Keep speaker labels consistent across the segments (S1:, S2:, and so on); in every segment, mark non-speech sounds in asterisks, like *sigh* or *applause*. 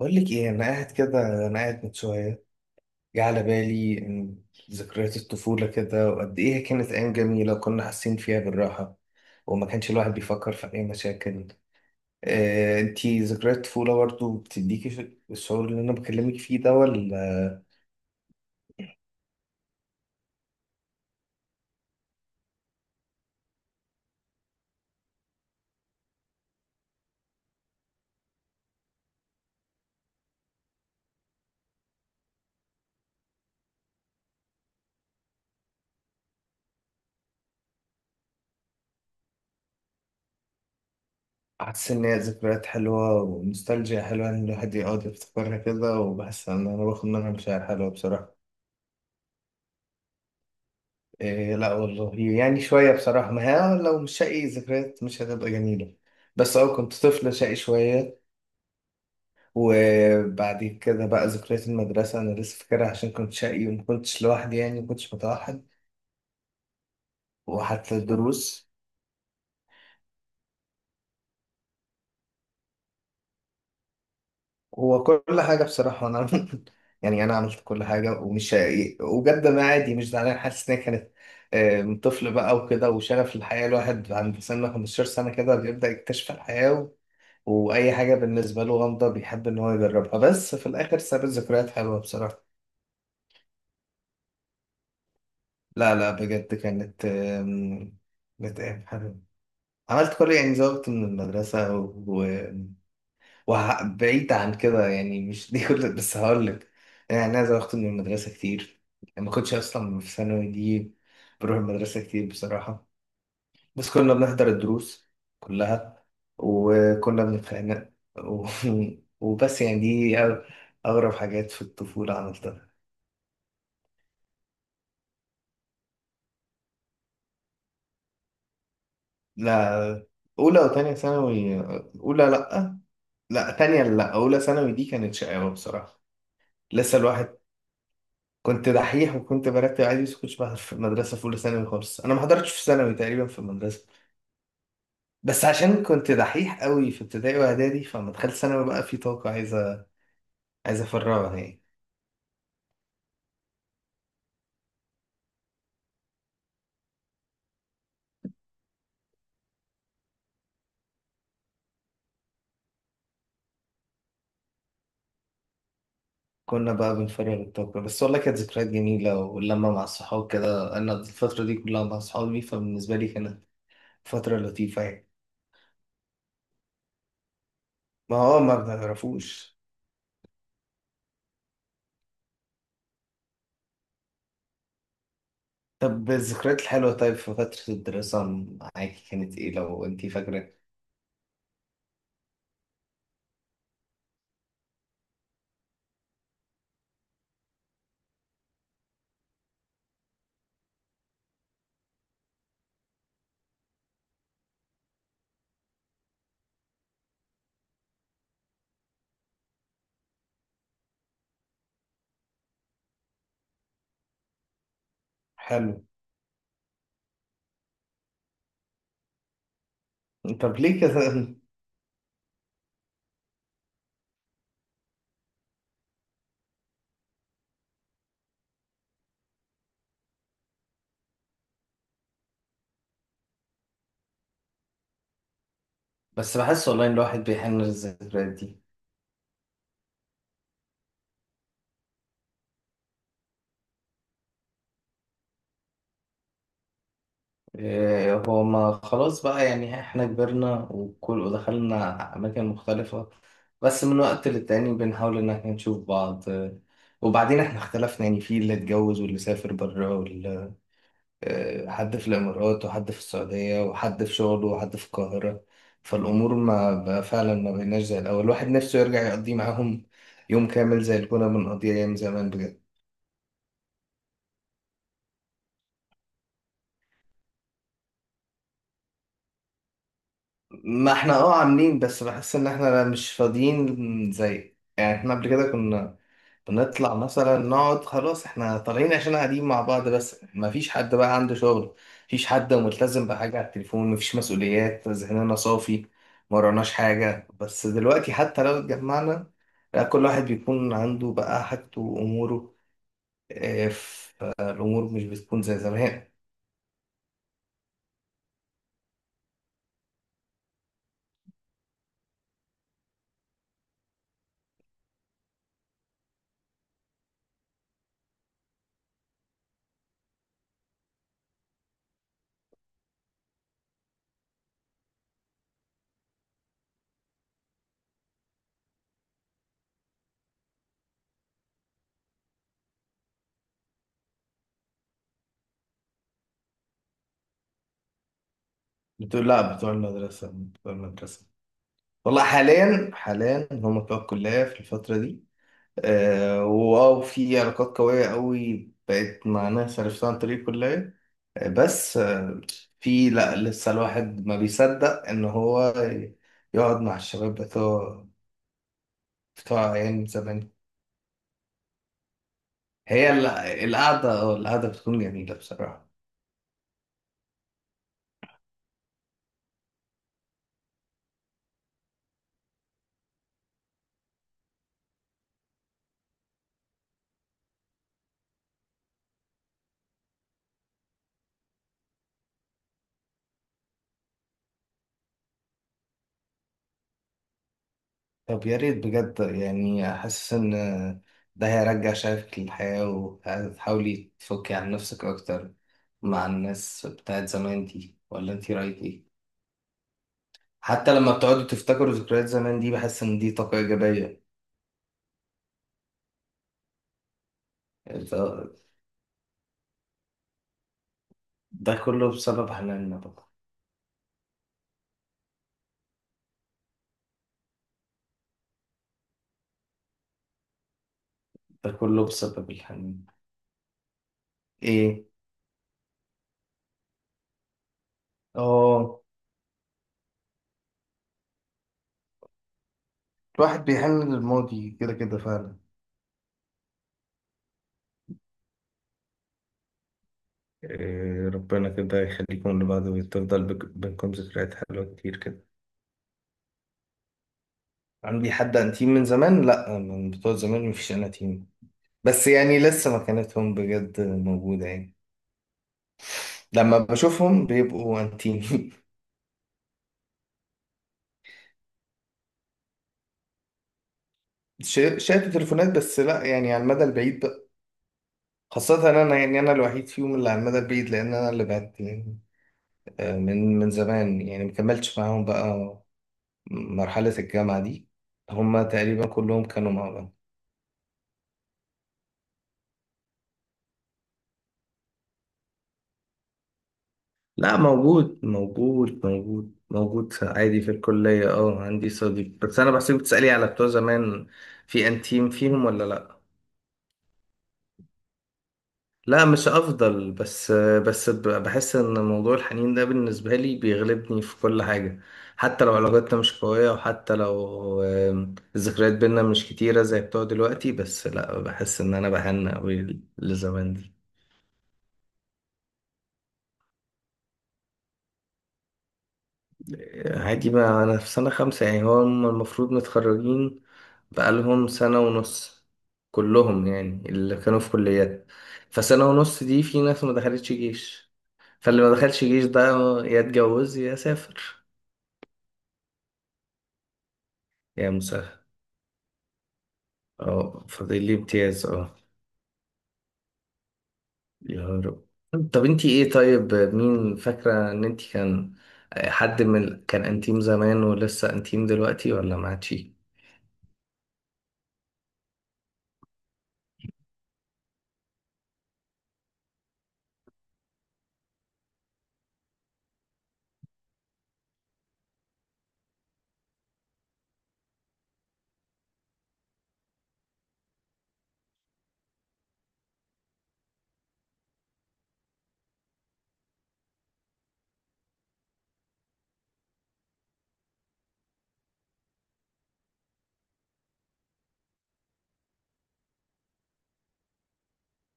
S1: بقول لك ايه؟ انا قاعد كده، انا قاعد من شويه. جه على بالي إن ذكريات الطفوله كده، وقد ايه هي كانت ايام جميله، وكنا حاسين فيها بالراحه، وما كانش الواحد بيفكر في اي مشاكل. آه، انتي ذكريات الطفوله برضو بتديكي الشعور اللي انا بكلمك فيه ده، ولا حاسس ان هي ذكريات حلوه ونوستالجيا حلوه ان الواحد يقعد يفتكرها كده؟ وبحس ان انا باخد منها مشاعر حلوه بصراحه. إيه، لا والله يعني شوية بصراحة. ما هي لو مش شقي ذكريات مش هتبقى جميلة. بس كنت طفل شقي شوية. وبعد كده بقى ذكريات المدرسة أنا لسه فاكرها عشان كنت شقي، وما كنتش لوحدي يعني، ما كنتش متوحد. وحتى الدروس. هو كل حاجة بصراحة أنا *laughs* يعني أنا عملت كل حاجة، ومش شقي وجد، ما عادي، مش زعلان، حاسس إن هي كانت آه، من طفل بقى وكده. وشغف الحياة الواحد عند سن 15 سنة كده بيبدأ يكتشف الحياة، واي حاجه بالنسبه له غامضه بيحب ان هو يجربها، بس في الاخر ساب ذكريات حلوه بصراحه. لا لا، بجد كانت ايام حلوه. عملت كل يعني، زوجت من المدرسه و... وبعيد عن كده يعني، مش دي كل، بس هقول لك يعني. انا زوجت من المدرسه كتير، ما كنتش اصلا في ثانوي دي، بروح المدرسه كتير بصراحه. بس كنا بنحضر الدروس كلها، وكنا بنتخانق و... *laughs* وبس يعني، دي أغرب حاجات في الطفولة عملتها. لا، أولى وتانية ثانوي. أولى لأ، لأ تانية، لأ أولى ثانوي دي كانت شقاوة بصراحة. لسه الواحد، كنت دحيح وكنت برتب عادي، بس كنتش بحضر في المدرسة في أولى ثانوي خالص، أنا ما حضرتش في ثانوي تقريبا في المدرسة. بس عشان كنت دحيح قوي في ابتدائي وإعدادي، فلما دخلت ثانوي بقى في طاقة عايزة أفرغها يعني. كنا بقى بنفرغ الطاقة بس، والله كانت ذكريات جميلة واللمة مع الصحاب كده، أنا الفترة دي كلها مع صحابي، فبالنسبة لي كانت فترة لطيفة يعني. ما هو ما بنعرفوش. طب الذكريات الحلوة، طيب في فترة الدراسة معاكي كانت إيه لو أنتي فاكرة؟ حلو. طب ليه كده؟ *laughs* بس بحس والله إن الواحد بيحن للذكريات دي. إيه، هو ما خلاص بقى يعني، احنا كبرنا وكل ودخلنا أماكن مختلفة، بس من وقت للتاني بنحاول إن احنا نشوف بعض. إيه، وبعدين احنا اختلفنا يعني، في اللي اتجوز واللي سافر بره واللي إيه، حد في الإمارات وحد في السعودية وحد في شغله وحد في القاهرة. فالأمور ما بقى فعلا، ما بقيناش زي الأول الواحد نفسه يرجع يقضي معاهم يوم كامل زي اللي كنا بنقضيه أيام زمان بجد. ما احنا اه عاملين، بس بحس ان احنا مش فاضيين زي يعني، احنا قبل كده كنا بنطلع مثلا نقعد خلاص احنا طالعين عشان قاعدين مع بعض، بس ما فيش حد بقى عنده شغل، مفيش حد ملتزم بحاجة على التليفون، مفيش مسؤوليات، ذهننا صافي، ما وراناش حاجة. بس دلوقتي حتى لو اتجمعنا، لا، كل واحد بيكون عنده بقى حاجته وأموره. اه، فالأمور مش بتكون زي زمان. بتقول لا، بتوع المدرسة، بتوع المدرسة. والله حاليا حاليا هم بتوع الكلية في الفترة دي. آه واو، في علاقات قوية قوي بقت مع ناس عرفتها عن طريق الكلية. آه بس آه، في لا، لسه الواحد ما بيصدق إن هو يقعد مع الشباب بتوع أيام زمان. هي القعدة القعدة بتكون جميلة بصراحة. طب يا ريت بجد يعني، حاسس ان ده هيرجع شغفك للحياة، وهتحاولي تفكي عن نفسك اكتر مع الناس بتاعت زمان دي، ولا انتي رايك ايه؟ حتى لما بتقعدوا تفتكروا ذكريات زمان دي بحس ان دي طاقة ايجابية. ده ده كله بسبب حناننا بقى. ده كله بسبب الحنين. ايه؟ اه، الواحد بيحن للماضي كده كده فعلا. إيه، ربنا كده يخليكم لبعض، وتفضل بينكم ذكريات حلوة كتير كده. عندي حد انتيم من زمان؟ لا، من بتوع زمان مفيش اناتيم، بس يعني لسه مكانتهم بجد موجودة يعني. لما بشوفهم بيبقوا انتيم. *laughs* شاتوا تليفونات بس، لا يعني على المدى البعيد بقى، خاصة أنا يعني، أنا الوحيد فيهم اللي على المدى البعيد، لأن أنا اللي بعدت يعني آه، من زمان يعني، مكملتش معاهم بقى مرحلة الجامعة دي. هما تقريبا كلهم كانوا مع بعض. لا، موجود موجود موجود موجود عادي في الكلية، اه عندي صديق، بس أنا بحسك بتسألي على بتوع زمان. في أنتيم فيهم ولا لأ؟ لا مش أفضل، بس بحس إن موضوع الحنين ده بالنسبة لي بيغلبني في كل حاجة، حتى لو علاقتنا مش قوية، وحتى لو الذكريات بينا مش كتيرة زي بتوع دلوقتي، بس لا بحس إن أنا بحن أوي لزمان دي. عادي بقى، أنا في سنة 5 يعني، هو هم المفروض متخرجين بقالهم سنة ونص. كلهم يعني اللي كانوا في كليات، فسنة ونص دي في ناس ما دخلتش جيش، فاللي ما دخلش جيش ده يا اتجوز يا سافر. يا مسهل. اه، فاضل لي امتياز اه. يا رب. طب انتي ايه طيب، مين فاكرة ان انتي كان حد من كان انتيم زمان ولسه انتيم دلوقتي، ولا ما عادش؟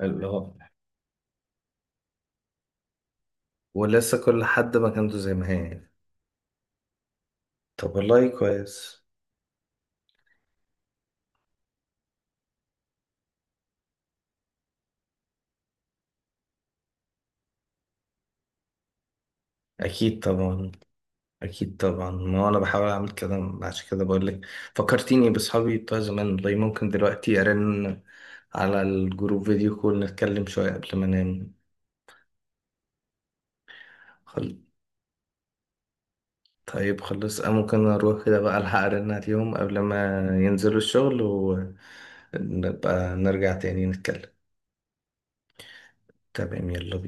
S1: اللي هو ولسه كل حد مكانته زي ما هي يعني. طب والله كويس. اكيد طبعا. اكيد طبعا، ما انا بحاول اعمل كده، عشان كده بقول لك. فكرتيني باصحابي بتوع زمان، والله ممكن دلوقتي ارن على الجروب فيديو كول نتكلم شويه قبل ما انام. خل... طيب خلاص أنا ممكن اروح كده بقى، الحق ارن عليهم قبل ما ينزلوا الشغل، ونبقى نرجع تاني نتكلم. تمام يلا بينا.